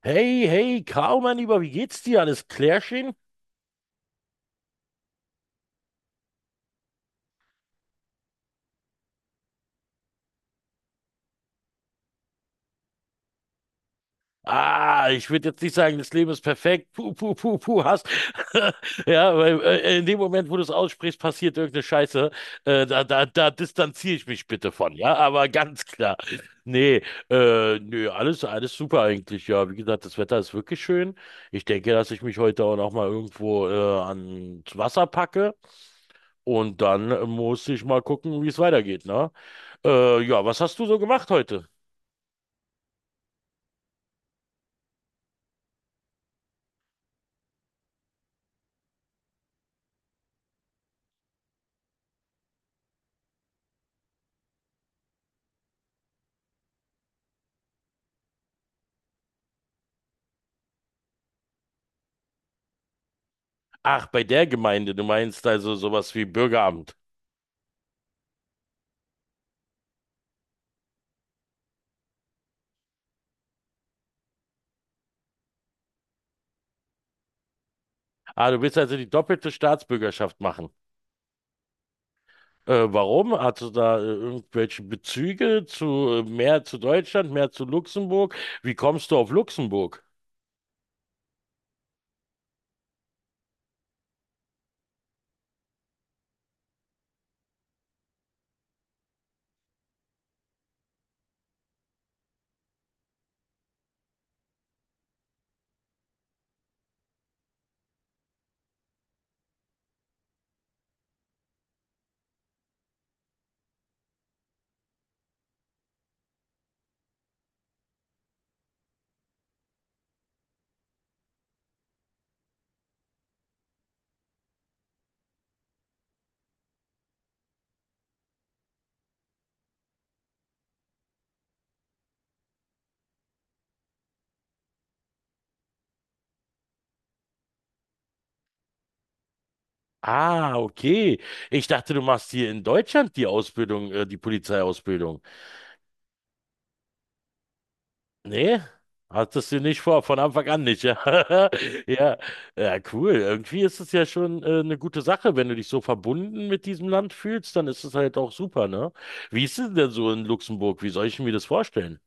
Hey, hey, Kau, mein Lieber, wie geht's dir? Alles klärchen? Ah, ich würde jetzt nicht sagen, das Leben ist perfekt. Puh, puh, puh, puh, hast. Ja, weil in dem Moment, wo du es aussprichst, passiert irgendeine Scheiße. Da distanziere ich mich bitte von, ja, aber ganz klar. Nee, nö, alles super eigentlich, ja. Wie gesagt, das Wetter ist wirklich schön. Ich denke, dass ich mich heute auch noch mal irgendwo ans Wasser packe und dann muss ich mal gucken, wie es weitergeht, ne? Ja, was hast du so gemacht heute? Ach, bei der Gemeinde, du meinst also sowas wie Bürgeramt. Ah, du willst also die doppelte Staatsbürgerschaft machen. Warum? Hast du da irgendwelche Bezüge zu mehr zu Deutschland, mehr zu Luxemburg? Wie kommst du auf Luxemburg? Ah, okay. Ich dachte, du machst hier in Deutschland die Ausbildung, die Polizeiausbildung. Nee, hattest du nicht vor, von Anfang an nicht, ja. Ja, ja, cool. Irgendwie ist es ja schon eine gute Sache, wenn du dich so verbunden mit diesem Land fühlst, dann ist es halt auch super, ne? Wie ist es denn so in Luxemburg? Wie soll ich mir das vorstellen?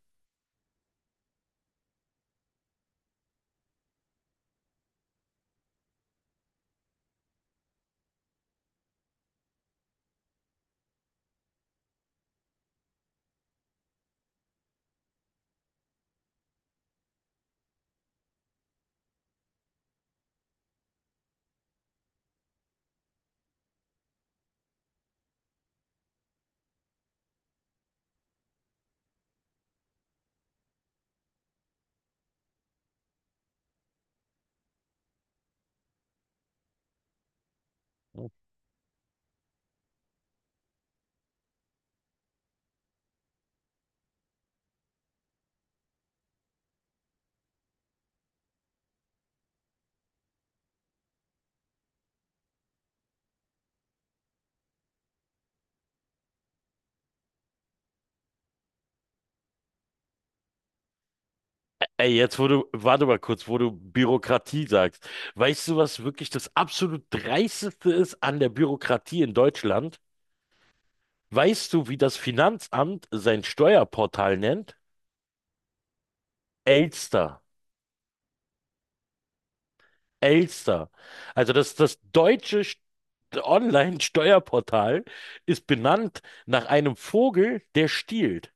Ey, jetzt wo du, warte mal kurz, wo du Bürokratie sagst. Weißt du, was wirklich das absolut Dreisteste ist an der Bürokratie in Deutschland? Weißt du, wie das Finanzamt sein Steuerportal nennt? Elster. Elster. Also das deutsche Online-Steuerportal ist benannt nach einem Vogel, der stiehlt.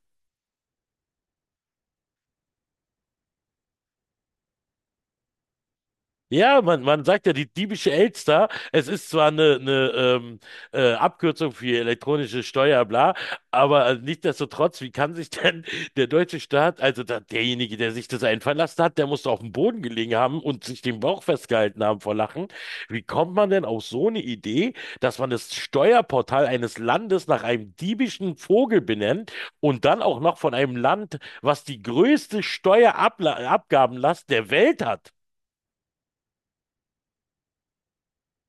Ja, man sagt ja die diebische Elster. Es ist zwar eine Abkürzung für elektronische Steuer, bla, aber nichtsdestotrotz, wie kann sich denn der deutsche Staat, also da, derjenige, der sich das einfallen lassen hat, der muss doch auf dem Boden gelegen haben und sich den Bauch festgehalten haben vor Lachen. Wie kommt man denn auf so eine Idee, dass man das Steuerportal eines Landes nach einem diebischen Vogel benennt und dann auch noch von einem Land, was die größte Steuerabgabenlast der Welt hat?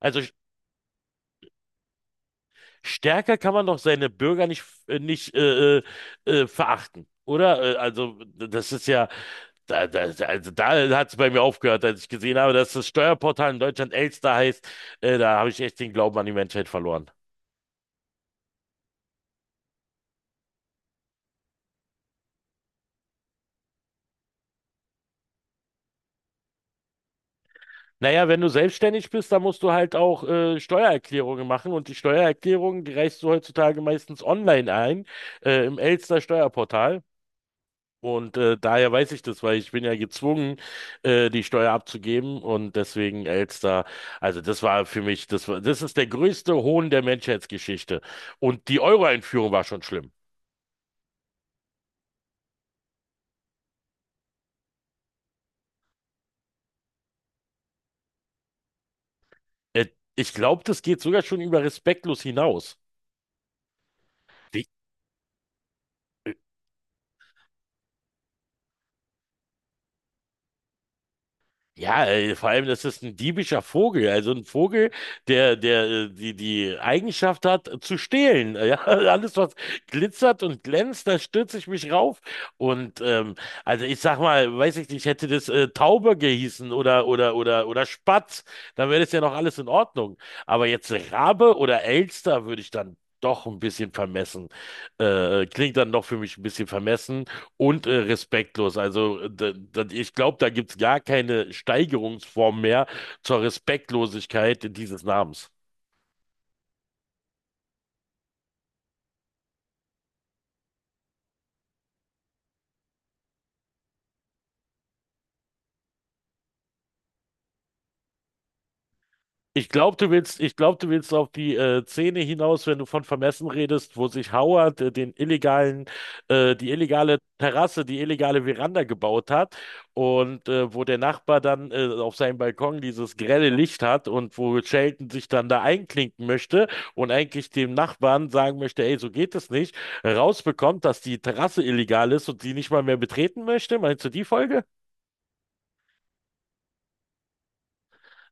Also stärker kann man doch seine Bürger nicht, nicht verachten, oder? Also, das ist ja, da, da, also da hat es bei mir aufgehört, als ich gesehen habe, dass das Steuerportal in Deutschland Elster heißt. Da habe ich echt den Glauben an die Menschheit verloren. Naja, wenn du selbstständig bist, dann musst du halt auch Steuererklärungen machen und die Steuererklärungen, die reichst du heutzutage meistens online ein, im Elster Steuerportal. Und daher weiß ich das, weil ich bin ja gezwungen, die Steuer abzugeben und deswegen Elster. Also das war für mich, das war, das ist der größte Hohn der Menschheitsgeschichte. Und die Euro-Einführung war schon schlimm. Äh, ich glaube, das geht sogar schon über respektlos hinaus. Wie? Ja, vor allem, das ist ein diebischer Vogel, also ein Vogel, der die Eigenschaft hat, zu stehlen. Ja, alles, was glitzert und glänzt, da stürze ich mich rauf. Und also ich sag mal, weiß ich nicht, hätte das Taube gehießen oder Spatz, dann wäre das ja noch alles in Ordnung. Aber jetzt Rabe oder Elster würde ich dann doch ein bisschen vermessen. Klingt dann doch für mich ein bisschen vermessen. Und respektlos. Also, ich glaube, da gibt es gar keine Steigerungsform mehr zur Respektlosigkeit dieses Namens. Ich glaub, du willst auf die Szene hinaus, wenn du von Vermessen redest, wo sich Howard die illegale Terrasse, die illegale Veranda gebaut hat und wo der Nachbar dann auf seinem Balkon dieses grelle Licht hat und wo Sheldon sich dann da einklinken möchte und eigentlich dem Nachbarn sagen möchte, ey, so geht es nicht, rausbekommt, dass die Terrasse illegal ist und sie nicht mal mehr betreten möchte. Meinst du die Folge?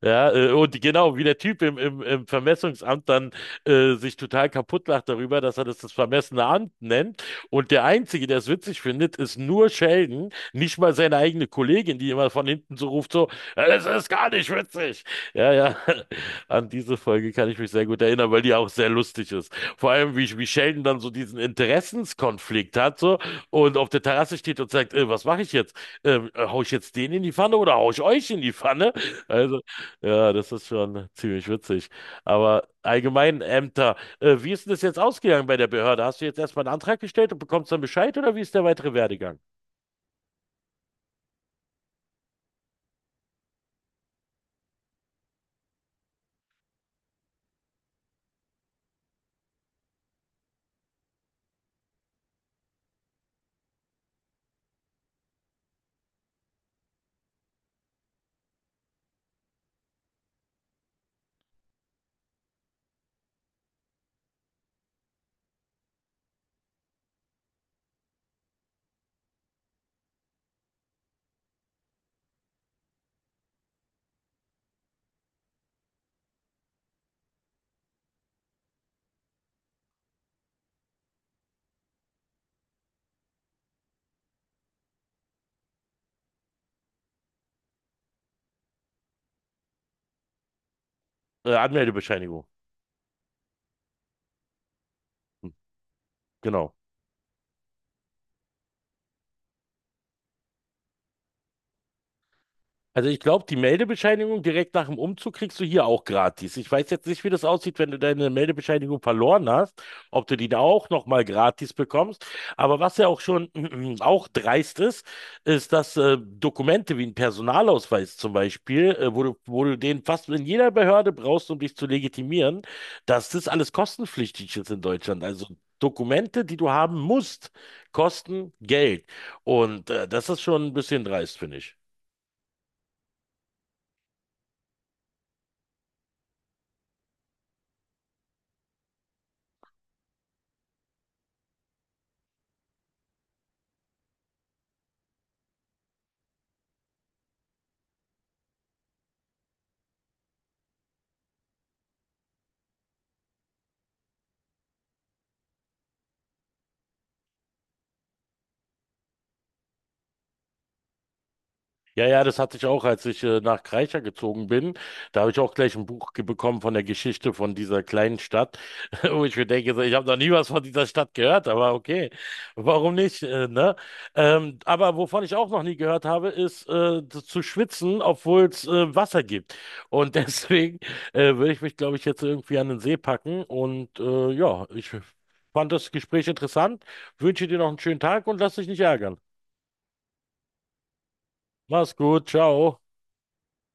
Ja, und genau, wie der Typ im Vermessungsamt dann sich total kaputt lacht darüber, dass er das vermessene Amt nennt. Und der Einzige, der es witzig findet, ist nur Sheldon, nicht mal seine eigene Kollegin, die immer von hinten so ruft, so, "Ja, das ist gar nicht witzig. Ja, ja, an diese Folge kann ich mich sehr gut erinnern, weil die auch sehr lustig ist. Vor allem, wie Sheldon dann so diesen Interessenskonflikt hat, so, und auf der Terrasse steht und sagt, was mache ich jetzt? Hau ich jetzt den in die Pfanne oder hau ich euch in die Pfanne? Also, ja, das ist schon ziemlich witzig. Aber allgemein Ämter, wie ist denn das jetzt ausgegangen bei der Behörde? Hast du jetzt erstmal einen Antrag gestellt und bekommst dann Bescheid oder wie ist der weitere Werdegang? Anmeldebescheinigung, genau. Also ich glaube, die Meldebescheinigung direkt nach dem Umzug kriegst du hier auch gratis. Ich weiß jetzt nicht, wie das aussieht, wenn du deine Meldebescheinigung verloren hast, ob du die da auch nochmal gratis bekommst. Aber was ja auch schon auch dreist ist, ist, dass Dokumente wie ein Personalausweis zum Beispiel, wo du den fast in jeder Behörde brauchst, um dich zu legitimieren, dass das alles kostenpflichtig ist in Deutschland. Also Dokumente, die du haben musst, kosten Geld. Und das ist schon ein bisschen dreist, finde ich. Ja, ja, das hatte ich auch, als ich nach Kreischer gezogen bin. Da habe ich auch gleich ein Buch bekommen von der Geschichte von dieser kleinen Stadt, wo ich mir denke, so, ich habe noch nie was von dieser Stadt gehört, aber okay, warum nicht, ne? Aber wovon ich auch noch nie gehört habe, ist zu schwitzen, obwohl es Wasser gibt. Und deswegen würde ich mich, glaube ich, jetzt irgendwie an den See packen. Und ja, ich fand das Gespräch interessant, wünsche dir noch einen schönen Tag und lass dich nicht ärgern. Mach's gut, ciao.